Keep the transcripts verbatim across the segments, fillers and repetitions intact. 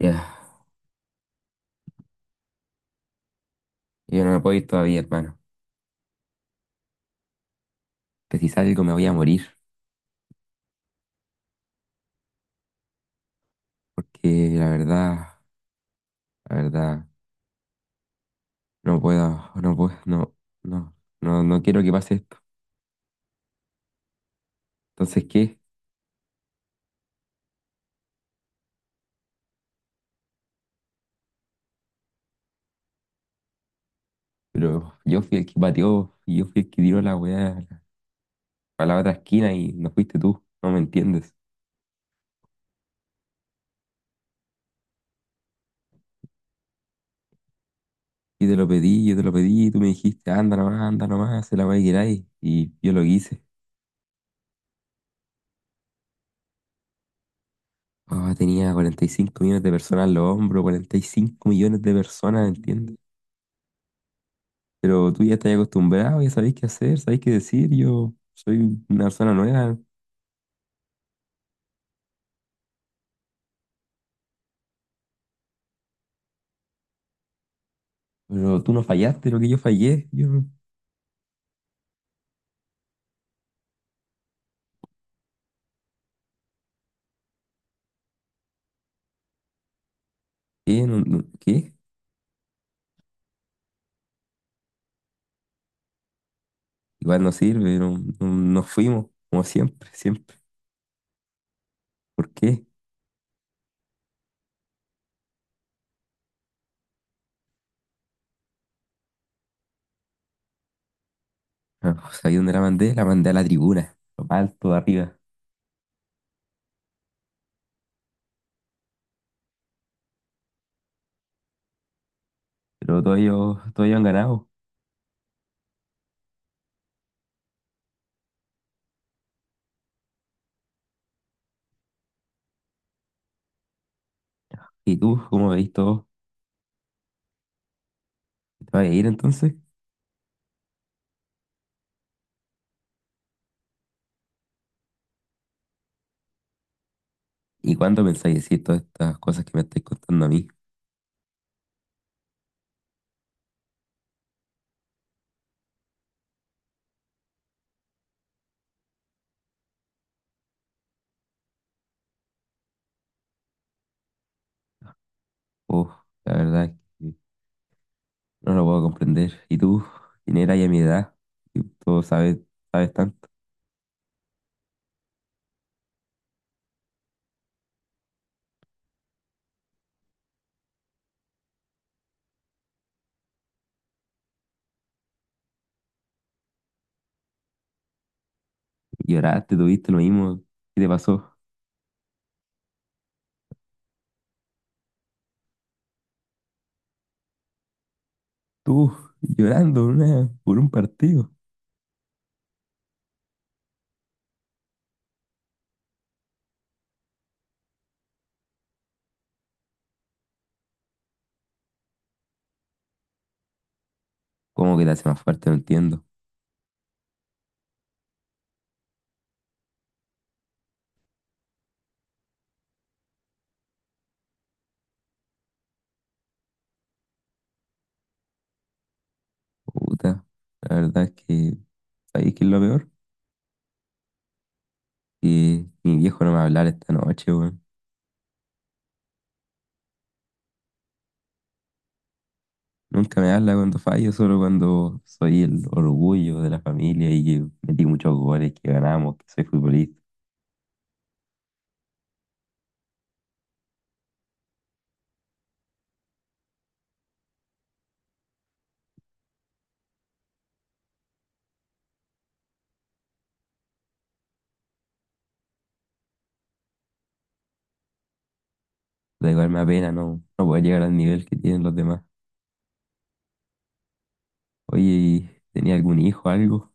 Ya, yo no me puedo ir todavía, hermano. Que si salgo me voy a morir. Porque la verdad, la verdad, no puedo, no puedo, no, no, no, no quiero que pase esto. Entonces, ¿qué? Pero yo fui el que pateó y yo fui el que tiró la weá a la otra esquina y no fuiste tú. No me entiendes. Y te lo pedí, yo te lo pedí, y tú me dijiste, anda nomás, anda nomás, se la weá que queráis. Y yo lo hice. Ah, tenía cuarenta y cinco millones de personas en los hombros, cuarenta y cinco millones de personas, ¿entiendes? Pero tú ya estás acostumbrado, ya sabéis qué hacer, sabéis qué decir. Yo soy una persona nueva, pero tú no fallaste, lo que yo fallé. Yo, no- ¿qué? No- no- ¿qué? Igual no sirve, no, no- nos fuimos, como siempre, siempre. ¿Por qué? Ah, ¿sabéis dónde la mandé? La mandé a la tribuna, lo más alto de arriba. Pero todos ellos, todos ellos han ganado. ¿Y tú, cómo veis todo? ¿Te vas a ir entonces? ¿Y cuándo pensáis decir todas estas cosas que me estáis contando a mí? Uf, la verdad. No lo puedo comprender. ¿Y tú? ¿Quién eras y a mi edad? Y tú sabes, sabes tanto. Lloraste, tuviste lo mismo. ¿Qué te pasó? Tú, llorando una- por un partido. ¿Cómo que te hace más fuerte? No entiendo. Puta, la verdad es que, ¿sabes qué es lo peor? Que mi viejo no me va a hablar esta noche, weón. Nunca me habla cuando fallo, solo cuando soy el orgullo de la familia y que metí muchos goles, que ganamos, que soy futbolista. Da igual me apena, no, no puedo llegar al nivel que tienen los demás. Oye, ¿y tenía algún hijo, algo?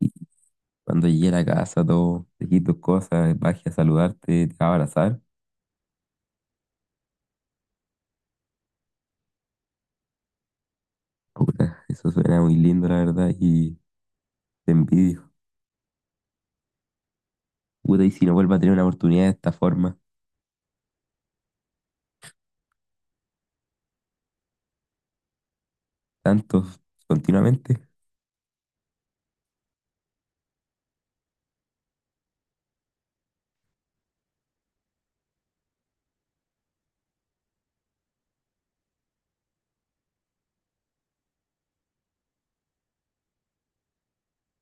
Y cuando llegué a la casa, todo, dejé tus cosas, bajé a saludarte, te va a abrazar. Puta, eso suena muy lindo, la verdad, y te envidio. Puta, y si no vuelvo a tener una oportunidad de esta forma, tantos, continuamente.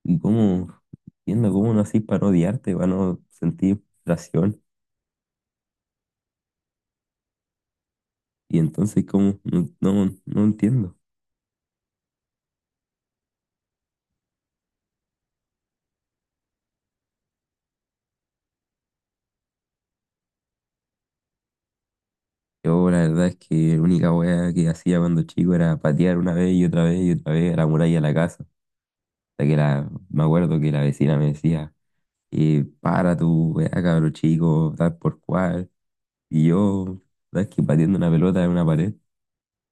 Y cómo, entiendo cómo no así para no odiarte, para no sentir frustración. Y entonces, ¿cómo? No, no, no entiendo. Yo, la verdad es que la única wea que hacía cuando chico era patear una vez y otra vez y otra vez a la muralla de la casa. Hasta que la, me acuerdo que la vecina me decía, eh, para tu weá, cabro chico, tal por cual. Y yo, ¿sabes que batiendo una pelota en una pared,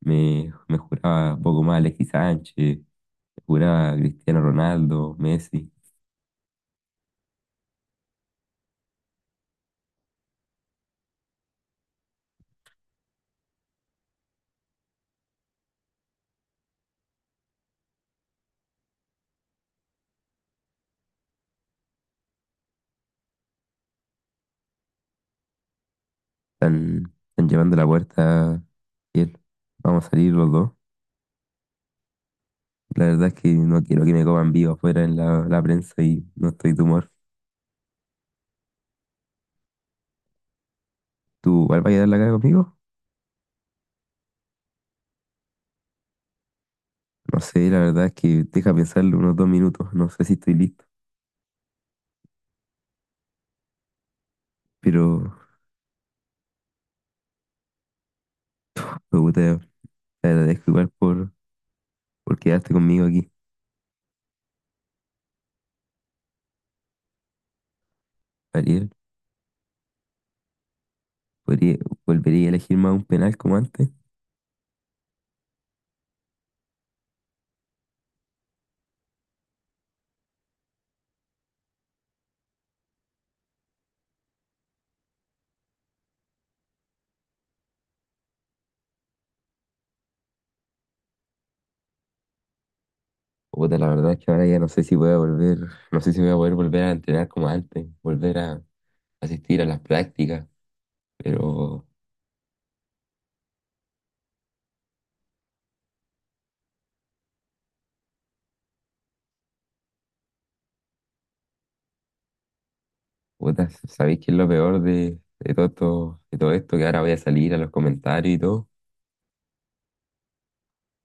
me, me juraba poco más Alexis Sánchez, me juraba Cristiano Ronaldo, Messi. Están, están llevando la puerta, Kiel. Vamos a salir los dos. La verdad es que no quiero que me coman vivo afuera en la, la prensa y no estoy de humor. ¿Tú igual vas a dar la cara conmigo? No sé, la verdad es que deja pensarlo unos dos minutos. No sé si estoy listo, pero. Me gusta, te agradezco igual por, por quedarte conmigo aquí, Ariel. Podría, ¿Volvería a elegir más un penal como antes? Puta, la verdad es que ahora ya no sé si voy a volver, no sé si voy a poder volver a entrenar como antes, volver a asistir a las prácticas, pero puta, ¿sabéis qué es lo peor de, de todo esto, de todo esto? Que ahora voy a salir a los comentarios y todo,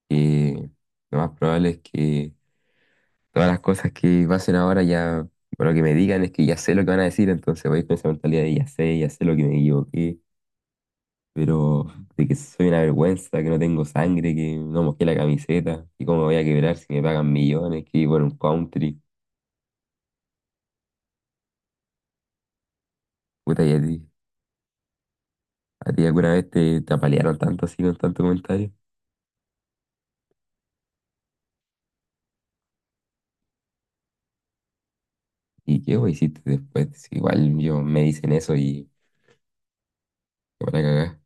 que lo más probable es que todas las cosas que pasen ahora ya, bueno, que me digan es que ya sé lo que van a decir, entonces voy con esa mentalidad de ya sé, ya sé lo que me equivoqué, pero de que soy una vergüenza, que no tengo sangre, que no mojé la camiseta, y cómo me voy a quebrar si me pagan millones, que vivo un country. Puta, y a ti, a ti alguna vez te, te apalearon tanto así con tanto comentario. ¿Y qué vos hiciste después? Si igual yo me dicen eso y me van a cagar.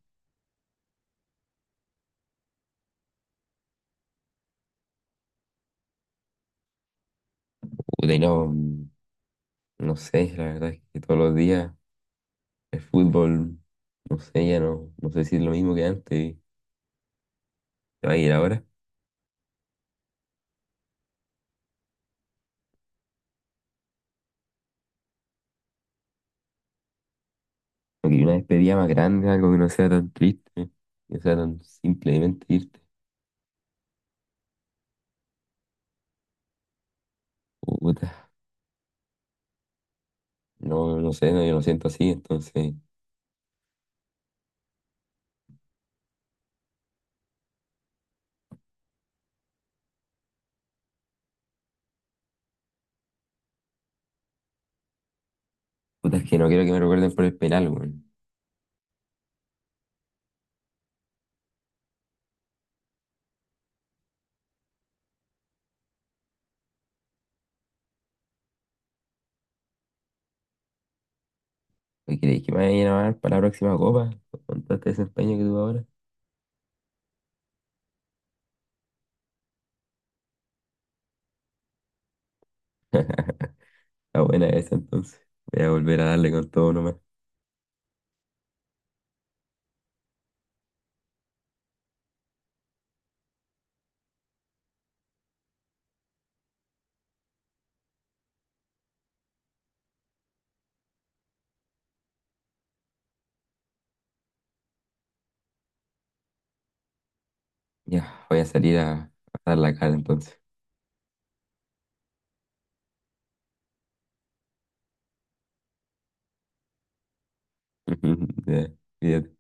Puta, y no, mm, no sé, la verdad es que todos los días el fútbol, no sé, ya no, no sé si es lo mismo que antes, te va a ir ahora. Porque una despedida más grande, algo que no sea tan triste, que sea tan simplemente irte. Puta. No, no sé, no, yo lo siento así, entonces. Puta, es que no quiero que me recuerden por el penal, weón. ¿Me creéis que me vayan a llamar para la próxima copa? Con todo este desempeño que tuve ahora. Está buena esa, entonces. Voy a volver a darle con todo nomás. Ya, voy a salir a, a dar la cara, entonces. Ya, cuídate.